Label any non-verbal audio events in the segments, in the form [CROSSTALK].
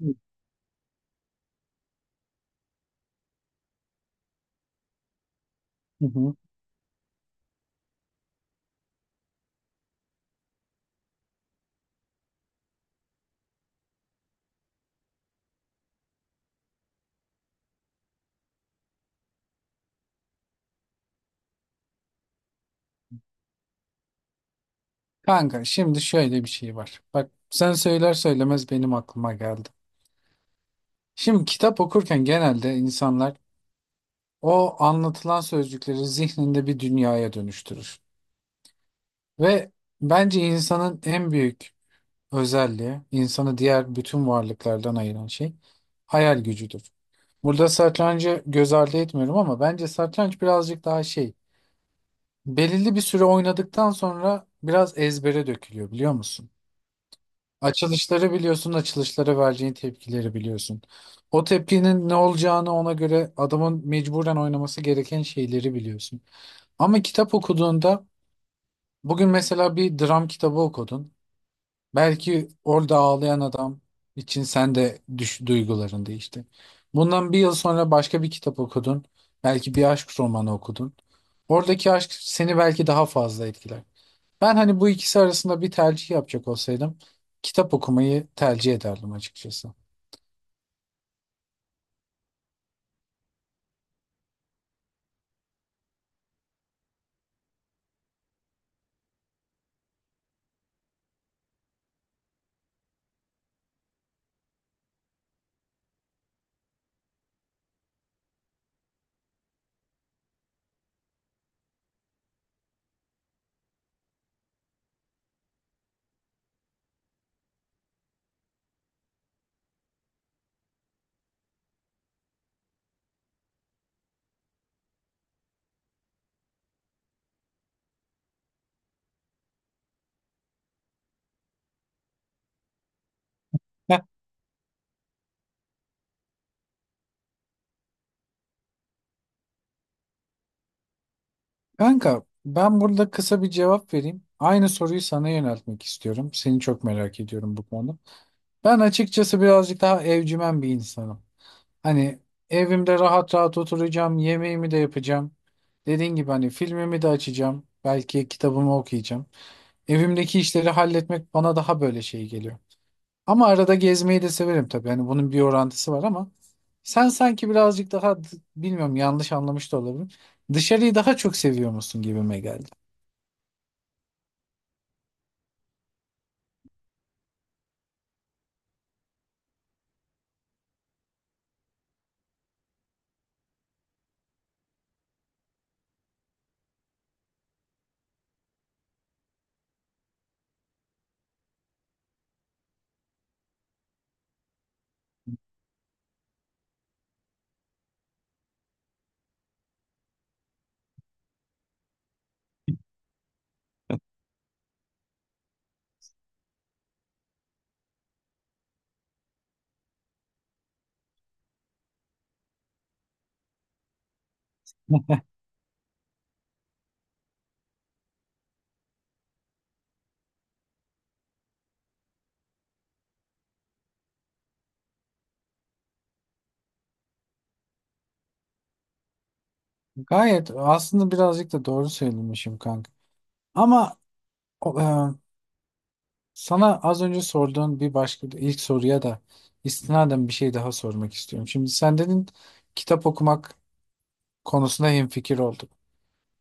Hı hı. Kanka şimdi şöyle bir şey var. Bak sen söyler söylemez benim aklıma geldi. Şimdi kitap okurken genelde insanlar o anlatılan sözcükleri zihninde bir dünyaya dönüştürür. Ve bence insanın en büyük özelliği, insanı diğer bütün varlıklardan ayıran şey hayal gücüdür. Burada satrancı göz ardı etmiyorum ama bence satranç birazcık daha şey, belirli bir süre oynadıktan sonra biraz ezbere dökülüyor biliyor musun? Açılışları biliyorsun, açılışlara vereceğin tepkileri biliyorsun. O tepkinin ne olacağını ona göre adamın mecburen oynaması gereken şeyleri biliyorsun. Ama kitap okuduğunda bugün mesela bir dram kitabı okudun. Belki orada ağlayan adam için sen de düş, duyguların değişti. Bundan bir yıl sonra başka bir kitap okudun. Belki bir aşk romanı okudun. Oradaki aşk seni belki daha fazla etkiler. Ben hani bu ikisi arasında bir tercih yapacak olsaydım kitap okumayı tercih ederdim açıkçası. Heh. Kanka ben burada kısa bir cevap vereyim. Aynı soruyu sana yöneltmek istiyorum. Seni çok merak ediyorum bu konuda. Ben açıkçası birazcık daha evcimen bir insanım. Hani evimde rahat rahat oturacağım, yemeğimi de yapacağım. Dediğin gibi hani filmimi de açacağım. Belki kitabımı okuyacağım. Evimdeki işleri halletmek bana daha böyle şey geliyor. Ama arada gezmeyi de severim tabii. Yani bunun bir orantısı var ama sen sanki birazcık daha bilmiyorum, yanlış anlamış da olabilirim. Dışarıyı daha çok seviyor musun gibime geldi. [LAUGHS] Gayet aslında birazcık da doğru söylemişim kanka. Ama o, e, sana az önce sorduğun bir başka ilk soruya da istinaden bir şey daha sormak istiyorum. Şimdi sen dedin kitap okumak konusunda hemfikir olduk.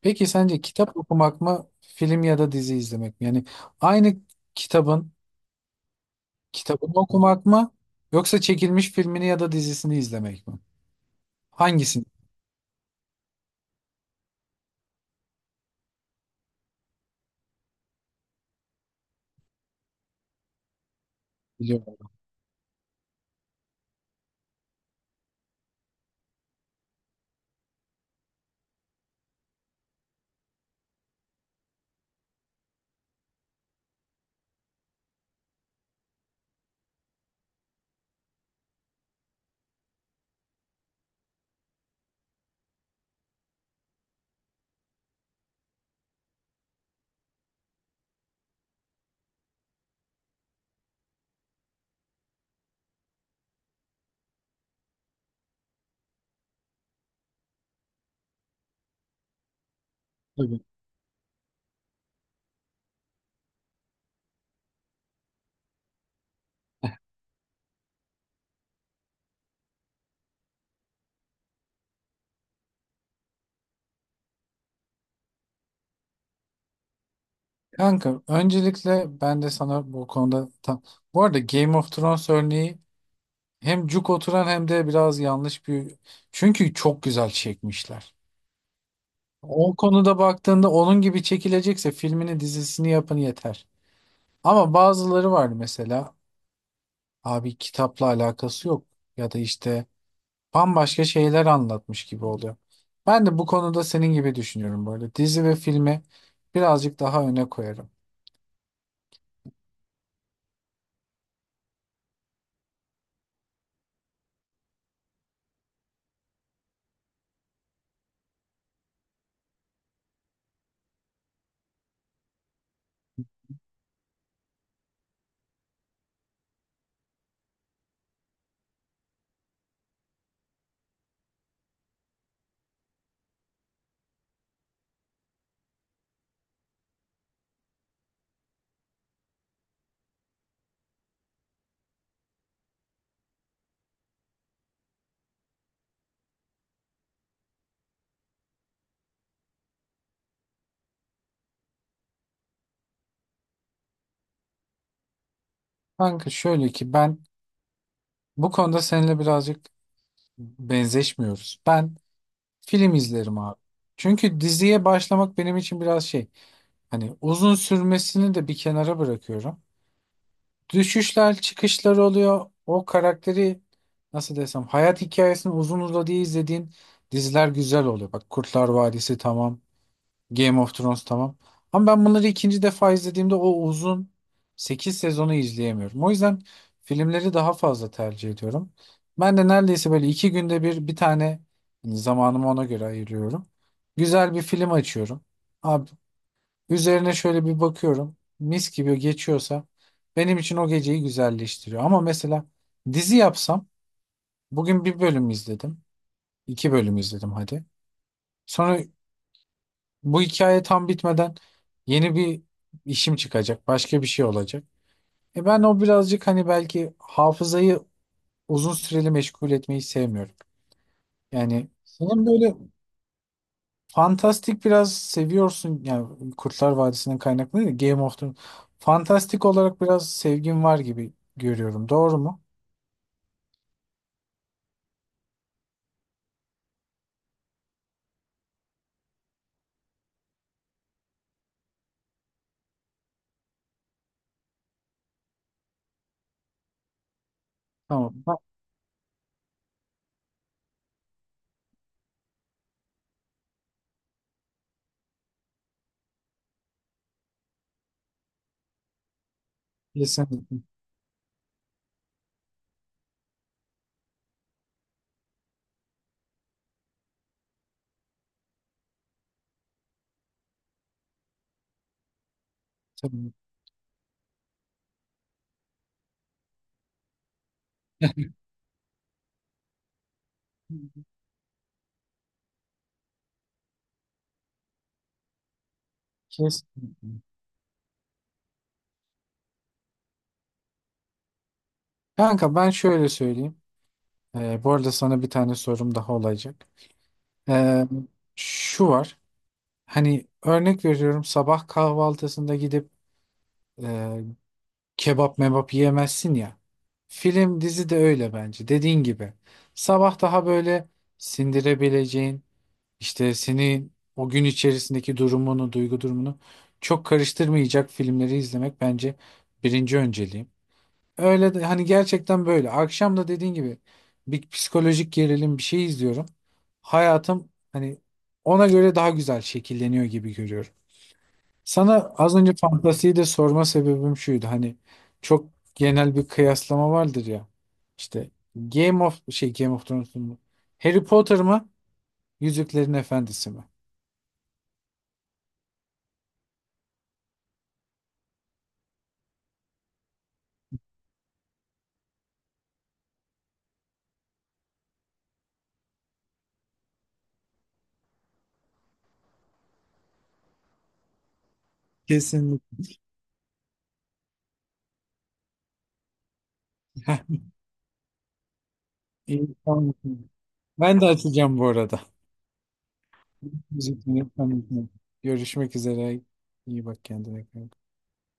Peki sence kitap okumak mı, film ya da dizi izlemek mi? Yani aynı kitabın kitabını okumak mı, yoksa çekilmiş filmini ya da dizisini izlemek mi? Hangisini biliyorum. Tabii. [LAUGHS] Kanka öncelikle ben de sana bu konuda tam... Bu arada Game of Thrones örneği hem cuk oturan hem de biraz yanlış bir... Çünkü çok güzel çekmişler. O konuda baktığında onun gibi çekilecekse filmini dizisini yapın yeter. Ama bazıları var mesela abi, kitapla alakası yok. Ya da işte bambaşka şeyler anlatmış gibi oluyor. Ben de bu konuda senin gibi düşünüyorum böyle. Dizi ve filmi birazcık daha öne koyarım. Kanka şöyle ki, ben bu konuda seninle birazcık benzeşmiyoruz. Ben film izlerim abi. Çünkü diziye başlamak benim için biraz şey. Hani uzun sürmesini de bir kenara bırakıyorum. Düşüşler, çıkışlar oluyor. O karakteri nasıl desem, hayat hikayesini uzun uzadıya izlediğin diziler güzel oluyor. Bak, Kurtlar Vadisi tamam. Game of Thrones tamam. Ama ben bunları ikinci defa izlediğimde o uzun 8 sezonu izleyemiyorum. O yüzden filmleri daha fazla tercih ediyorum. Ben de neredeyse böyle iki günde bir bir tane, hani zamanımı ona göre ayırıyorum. Güzel bir film açıyorum. Abi, üzerine şöyle bir bakıyorum. Mis gibi geçiyorsa benim için o geceyi güzelleştiriyor. Ama mesela dizi yapsam, bugün bir bölüm izledim. İki bölüm izledim hadi. Sonra bu hikaye tam bitmeden yeni bir işim çıkacak. Başka bir şey olacak. Ben o birazcık hani belki hafızayı uzun süreli meşgul etmeyi sevmiyorum. Yani senin böyle fantastik biraz seviyorsun. Yani Kurtlar Vadisi'nin kaynaklı değil, de Game of Thrones. Fantastik olarak biraz sevgin var gibi görüyorum. Doğru mu? Tamam. Ben- Kesinlikle. Tabii. [LAUGHS] Kesinlikle. Kanka ben şöyle söyleyeyim. Bu arada sana bir tane sorum daha olacak. Ee, Şu var. Hani örnek veriyorum, sabah kahvaltısında gidip e, kebap mebap yiyemezsin ya. Film dizi de öyle bence. Dediğin gibi. Sabah daha böyle sindirebileceğin, işte senin o gün içerisindeki durumunu, duygu durumunu çok karıştırmayacak filmleri izlemek bence birinci önceliğim. Öyle de hani, gerçekten böyle. Akşam da dediğin gibi bir psikolojik gerilim bir şey izliyorum. Hayatım hani ona göre daha güzel şekilleniyor gibi görüyorum. Sana az önce fantasiyi de sorma sebebim şuydu. Hani çok genel bir kıyaslama vardır ya. İşte Game of Thrones mu? Harry Potter mı? Yüzüklerin Efendisi mi? Kesinlikle. Heh, iyi, tamam. Ben de açacağım bu arada. Müzik. Görüşmek üzere. İyi bak kendine.